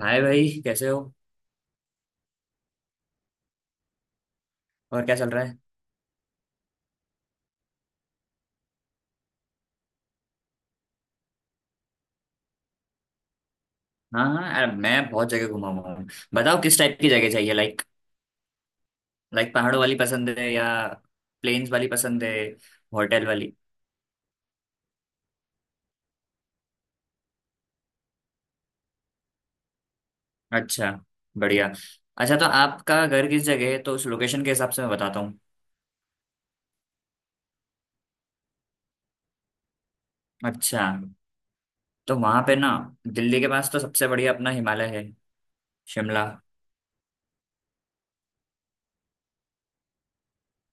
हाय भाई, कैसे हो? और क्या चल रहा है? हाँ हाँ यार, मैं बहुत जगह घुमा हुआ हूँ। बताओ किस टाइप की जगह चाहिए। लाइक लाइक पहाड़ों वाली पसंद है या प्लेन्स वाली पसंद है, होटल वाली? अच्छा, बढ़िया। अच्छा, तो आपका घर किस जगह है? तो उस लोकेशन के हिसाब से मैं बताता हूँ। अच्छा, तो वहाँ पे ना दिल्ली के पास तो सबसे बढ़िया अपना हिमालय है, शिमला।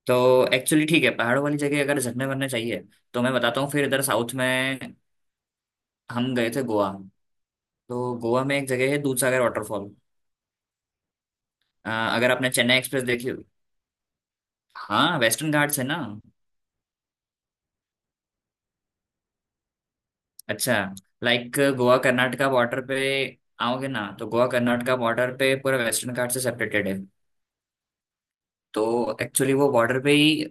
तो एक्चुअली ठीक है, पहाड़ों वाली जगह अगर झरने वरने चाहिए तो मैं बताता हूँ। फिर इधर साउथ में हम गए थे गोवा। तो गोवा में एक जगह है दूधसागर वाटरफॉल। अ, अगर आपने चेन्नई एक्सप्रेस देखी होगी, हाँ, वेस्टर्न घाट्स है ना। अच्छा, लाइक गोवा कर्नाटका बॉर्डर पे, आओगे ना तो गोवा कर्नाटका बॉर्डर पे पूरा वेस्टर्न घाट से सेपरेटेड है। तो एक्चुअली वो बॉर्डर पे ही,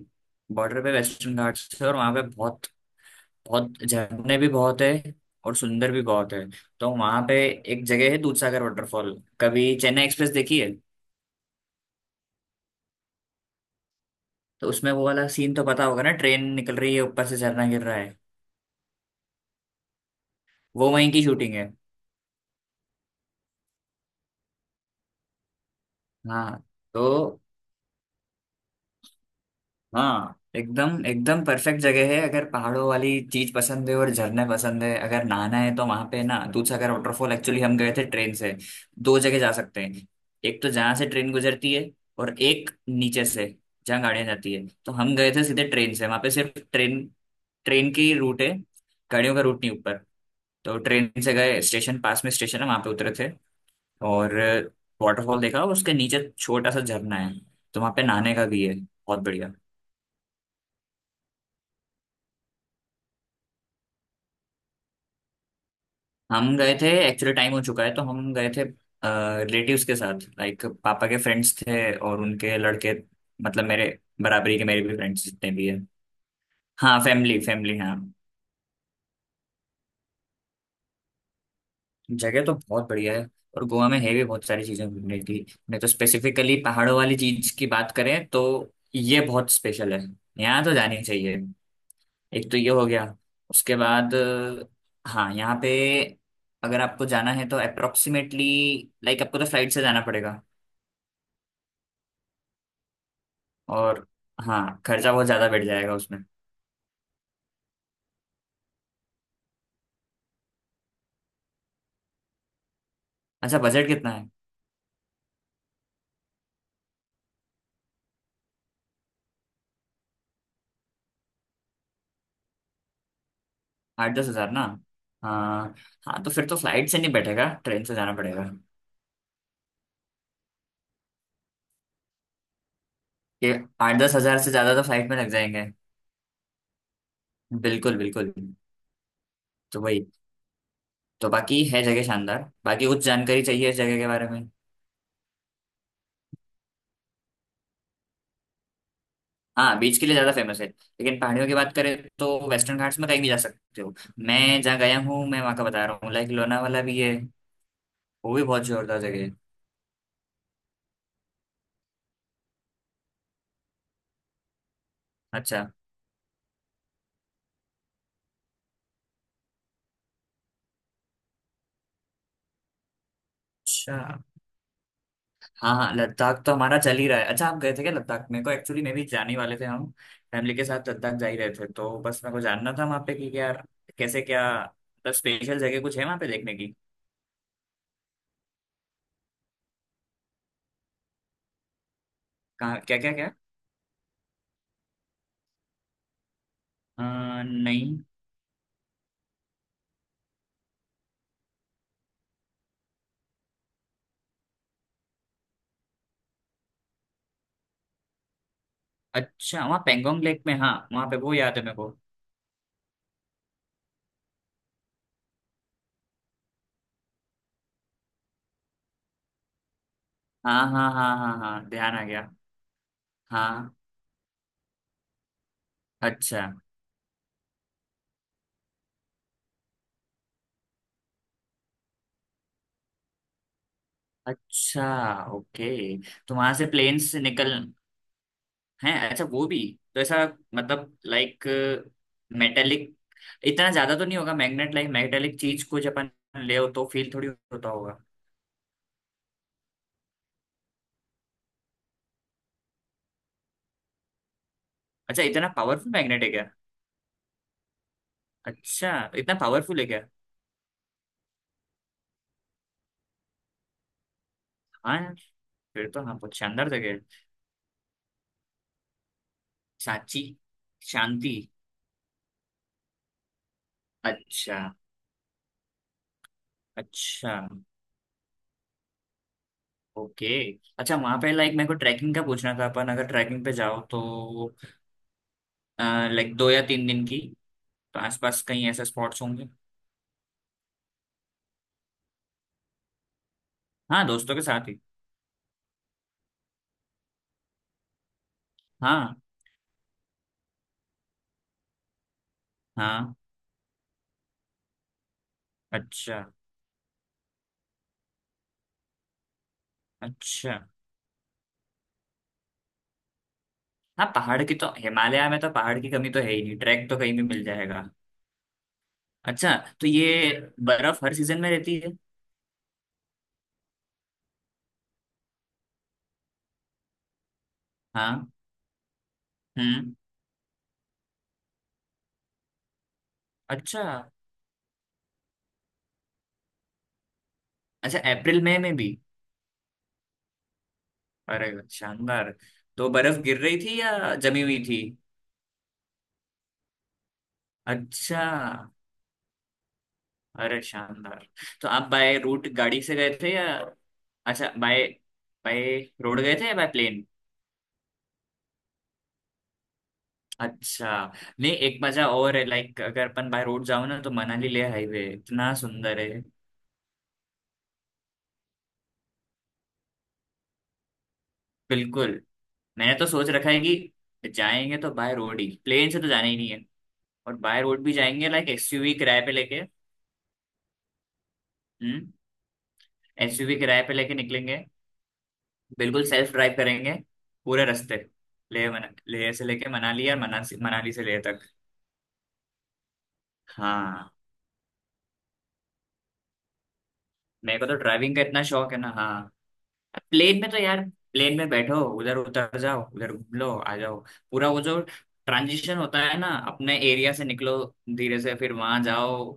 बॉर्डर पे वेस्टर्न घाट्स है और वहाँ पे बहुत बहुत झरने भी बहुत है और सुंदर भी बहुत है। तो वहाँ पे एक जगह है दूधसागर वाटरफॉल। कभी चेन्नई एक्सप्रेस देखी है तो उसमें वो वाला सीन तो पता होगा ना, ट्रेन निकल रही है ऊपर से झरना गिर रहा है। वो वहीं की शूटिंग है। हाँ तो हाँ, एकदम एकदम परफेक्ट जगह है। अगर पहाड़ों वाली चीज पसंद है और झरने पसंद है, अगर नहाना है तो वहां पे ना दूधसागर वाटरफॉल। एक्चुअली हम गए थे ट्रेन से। दो जगह जा सकते हैं, एक तो जहाँ से ट्रेन गुजरती है और एक नीचे से जहाँ गाड़ियाँ जाती है। तो हम गए थे सीधे ट्रेन से। वहां पे सिर्फ ट्रेन ट्रेन की रूट है, गाड़ियों का रूट नहीं ऊपर। तो ट्रेन से गए, स्टेशन पास में स्टेशन है, वहां पे उतरे थे और वाटरफॉल देखा। और उसके नीचे छोटा सा झरना है तो वहां पे नहाने का भी है, बहुत बढ़िया। हम गए थे एक्चुअली, टाइम हो चुका है, तो हम गए थे रिलेटिव्स के साथ। लाइक पापा के फ्रेंड्स थे और उनके लड़के, मतलब मेरे बराबरी के, मेरे भी फ्रेंड्स जितने भी हैं। हाँ, फैमिली फैमिली, हाँ। जगह तो बहुत बढ़िया है। और गोवा में है भी बहुत सारी चीजें घूमने की, नहीं तो स्पेसिफिकली पहाड़ों वाली चीज की बात करें तो ये बहुत स्पेशल है, यहाँ तो जानी चाहिए। एक तो ये हो गया। उसके बाद हाँ यहाँ पे, अगर आपको जाना है तो अप्रोक्सीमेटली, लाइक आपको तो फ्लाइट से जाना पड़ेगा। और हाँ, खर्चा बहुत ज़्यादा बैठ जाएगा उसमें। अच्छा, बजट कितना है? 8-10 हज़ार ना? हाँ। हाँ तो फिर तो फ्लाइट से नहीं बैठेगा, ट्रेन से जाना पड़ेगा। ये 8-10 हज़ार से ज़्यादा तो फ्लाइट में लग जाएंगे। बिल्कुल बिल्कुल। तो वही, तो बाकी है जगह शानदार। बाकी कुछ जानकारी चाहिए इस जगह के बारे में? हाँ, बीच के लिए ज़्यादा फेमस है लेकिन पहाड़ियों की बात करें तो वेस्टर्न घाट्स में कहीं भी जा सकते हो। मैं जहाँ गया हूँ मैं वहाँ का बता रहा हूँ, लाइक लोनावाला भी है, वो भी बहुत जोरदार जगह है। अच्छा, अच्छा। हाँ हाँ, लद्दाख तो हमारा चल ही रहा है। अच्छा, आप गए थे क्या लद्दाख? मेरे को एक्चुअली, मैं भी जाने वाले थे, हम फैमिली के साथ लद्दाख जा ही रहे थे, तो बस मेरे को जानना था वहाँ पे कि क्या, कैसे क्या, मतलब स्पेशल जगह कुछ है वहाँ पे देखने की? कहाँ, क्या क्या क्या? नहीं। अच्छा, वहाँ पेंगोंग लेक में, हाँ वहाँ पे, वो याद है मेरे को। हाँ हाँ हाँ हाँ हाँ, ध्यान आ गया। हाँ। अच्छा, अच्छा, ओके। तो वहाँ से प्लेन से निकल हैं? अच्छा, वो भी? तो ऐसा, मतलब, लाइक, मेटेलिक, इतना ज्यादा तो नहीं होगा मैग्नेट, लाइक मैग्नेटिक चीज को जब अपन ले हो तो फील थोड़ी होता होगा। अच्छा, इतना पावरफुल मैग्नेट है क्या? अच्छा, इतना पावरफुल है क्या? हाँ यार। फिर तो हाँ, बहुत शानदार जगह है। सांची, शांति। अच्छा, अच्छा, ओके। अच्छा वहां पे, लाइक मेरे को ट्रैकिंग का पूछना था, अपन अगर ट्रैकिंग पे जाओ तो, लाइक 2 या 3 दिन की, तो आसपास कहीं ऐसे स्पॉट्स होंगे? हाँ, दोस्तों के साथ ही। हाँ हाँ। अच्छा, अच्छा। हाँ, पहाड़ की तो हिमालय में तो पहाड़ की कमी तो है ही नहीं, ट्रैक तो कहीं भी मिल जाएगा। अच्छा, तो ये बर्फ हर सीजन में रहती है? हाँ। हम्म। अच्छा, अच्छा, अप्रैल मई में भी? अरे वाह, शानदार। तो बर्फ गिर रही थी या जमी हुई थी? अच्छा, अरे शानदार। तो आप बाय रूट गाड़ी से गए थे या? अच्छा, बाय, बाय रोड गए थे या बाय प्लेन? अच्छा। नहीं, एक मजा और है, लाइक अगर अपन बाय रोड जाओ ना तो मनाली ले हाईवे इतना सुंदर है। बिल्कुल। मैंने तो सोच रखा है कि जाएंगे तो बाय रोड ही, प्लेन से तो जाना ही नहीं है। और बाय रोड भी जाएंगे, लाइक एसयूवी किराए पे लेके। हम्म। एसयूवी किराए पे लेके निकलेंगे। बिल्कुल सेल्फ ड्राइव करेंगे पूरे रास्ते। ले से लेके मनाली, और मनाली मनाली से ले तक। हाँ। मेरे को तो ड्राइविंग का इतना शौक है ना, हाँ। प्लेन में तो यार, प्लेन में बैठो, उधर उतर जाओ, उधर घूम लो, आ जाओ। पूरा वो जो ट्रांजिशन होता है ना, अपने एरिया से निकलो धीरे से, फिर वहां जाओ,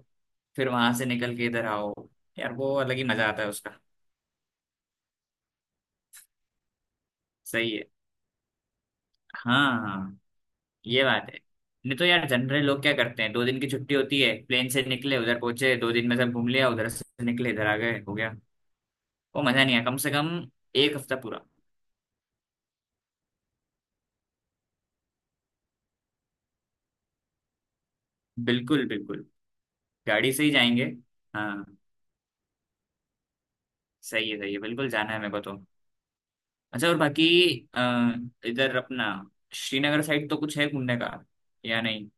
फिर वहां से निकल के इधर आओ, यार वो अलग ही मजा आता है उसका। सही है। हाँ हाँ, ये बात है। नहीं तो यार जनरल लोग क्या करते हैं, 2 दिन की छुट्टी होती है, प्लेन से निकले, उधर पहुंचे, 2 दिन में सब घूम लिया, उधर से निकले, इधर आ गए, हो गया। वो मजा नहीं आया कम से कम। एक हफ्ता पूरा। बिल्कुल बिल्कुल। गाड़ी से ही जाएंगे। हाँ, सही है सही है, बिल्कुल जाना है मेरे को तो। अच्छा, और बाकी अ, इधर अपना श्रीनगर साइड तो कुछ है घूमने का या नहीं?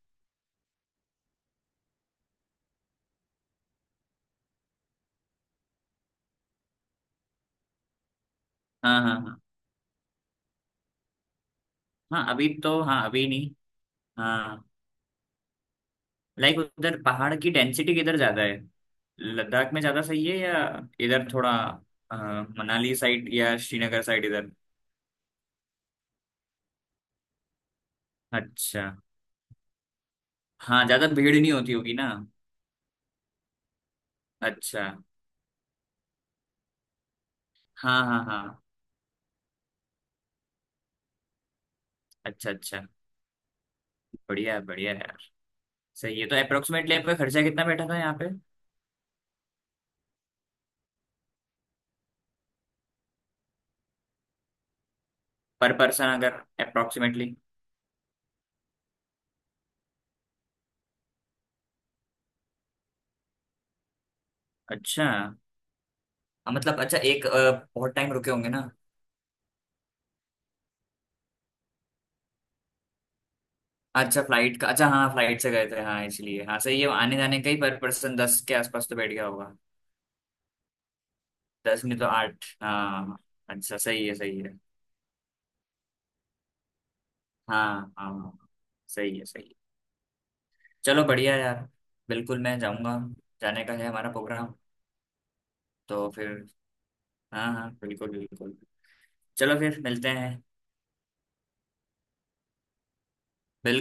हाँ हाँ हाँ। हाँ, अभी तो, हाँ अभी नहीं। हाँ, लाइक उधर पहाड़ की डेंसिटी किधर ज्यादा है? लद्दाख में ज्यादा सही है या इधर थोड़ा अ, मनाली साइड या श्रीनगर साइड, इधर? अच्छा, हाँ ज्यादा भीड़ नहीं होती होगी ना। अच्छा। हाँ हाँ हाँ। अच्छा, अच्छा। बढ़िया है यार, सही है। तो अप्रोक्सीमेटली आपका खर्चा कितना बैठा था यहाँ पे? पर पर्सन अगर, अप्रोक्सीमेटली। अच्छा। मतलब, अच्छा, एक बहुत टाइम रुके होंगे ना? अच्छा, फ्लाइट का, अच्छा हाँ, फ्लाइट से गए थे हाँ, इसलिए। हाँ सही है, आने जाने का ही पर पर्सन 10 के आसपास तो बैठ गया होगा। दस में तो आठ, हाँ। अच्छा, सही है सही है। हाँ हाँ, सही है सही है। चलो बढ़िया यार, बिल्कुल मैं जाऊंगा, जाने का है हमारा प्रोग्राम। तो फिर, हाँ हाँ बिल्कुल बिल्कुल, चलो फिर मिलते हैं। बिल्कुल।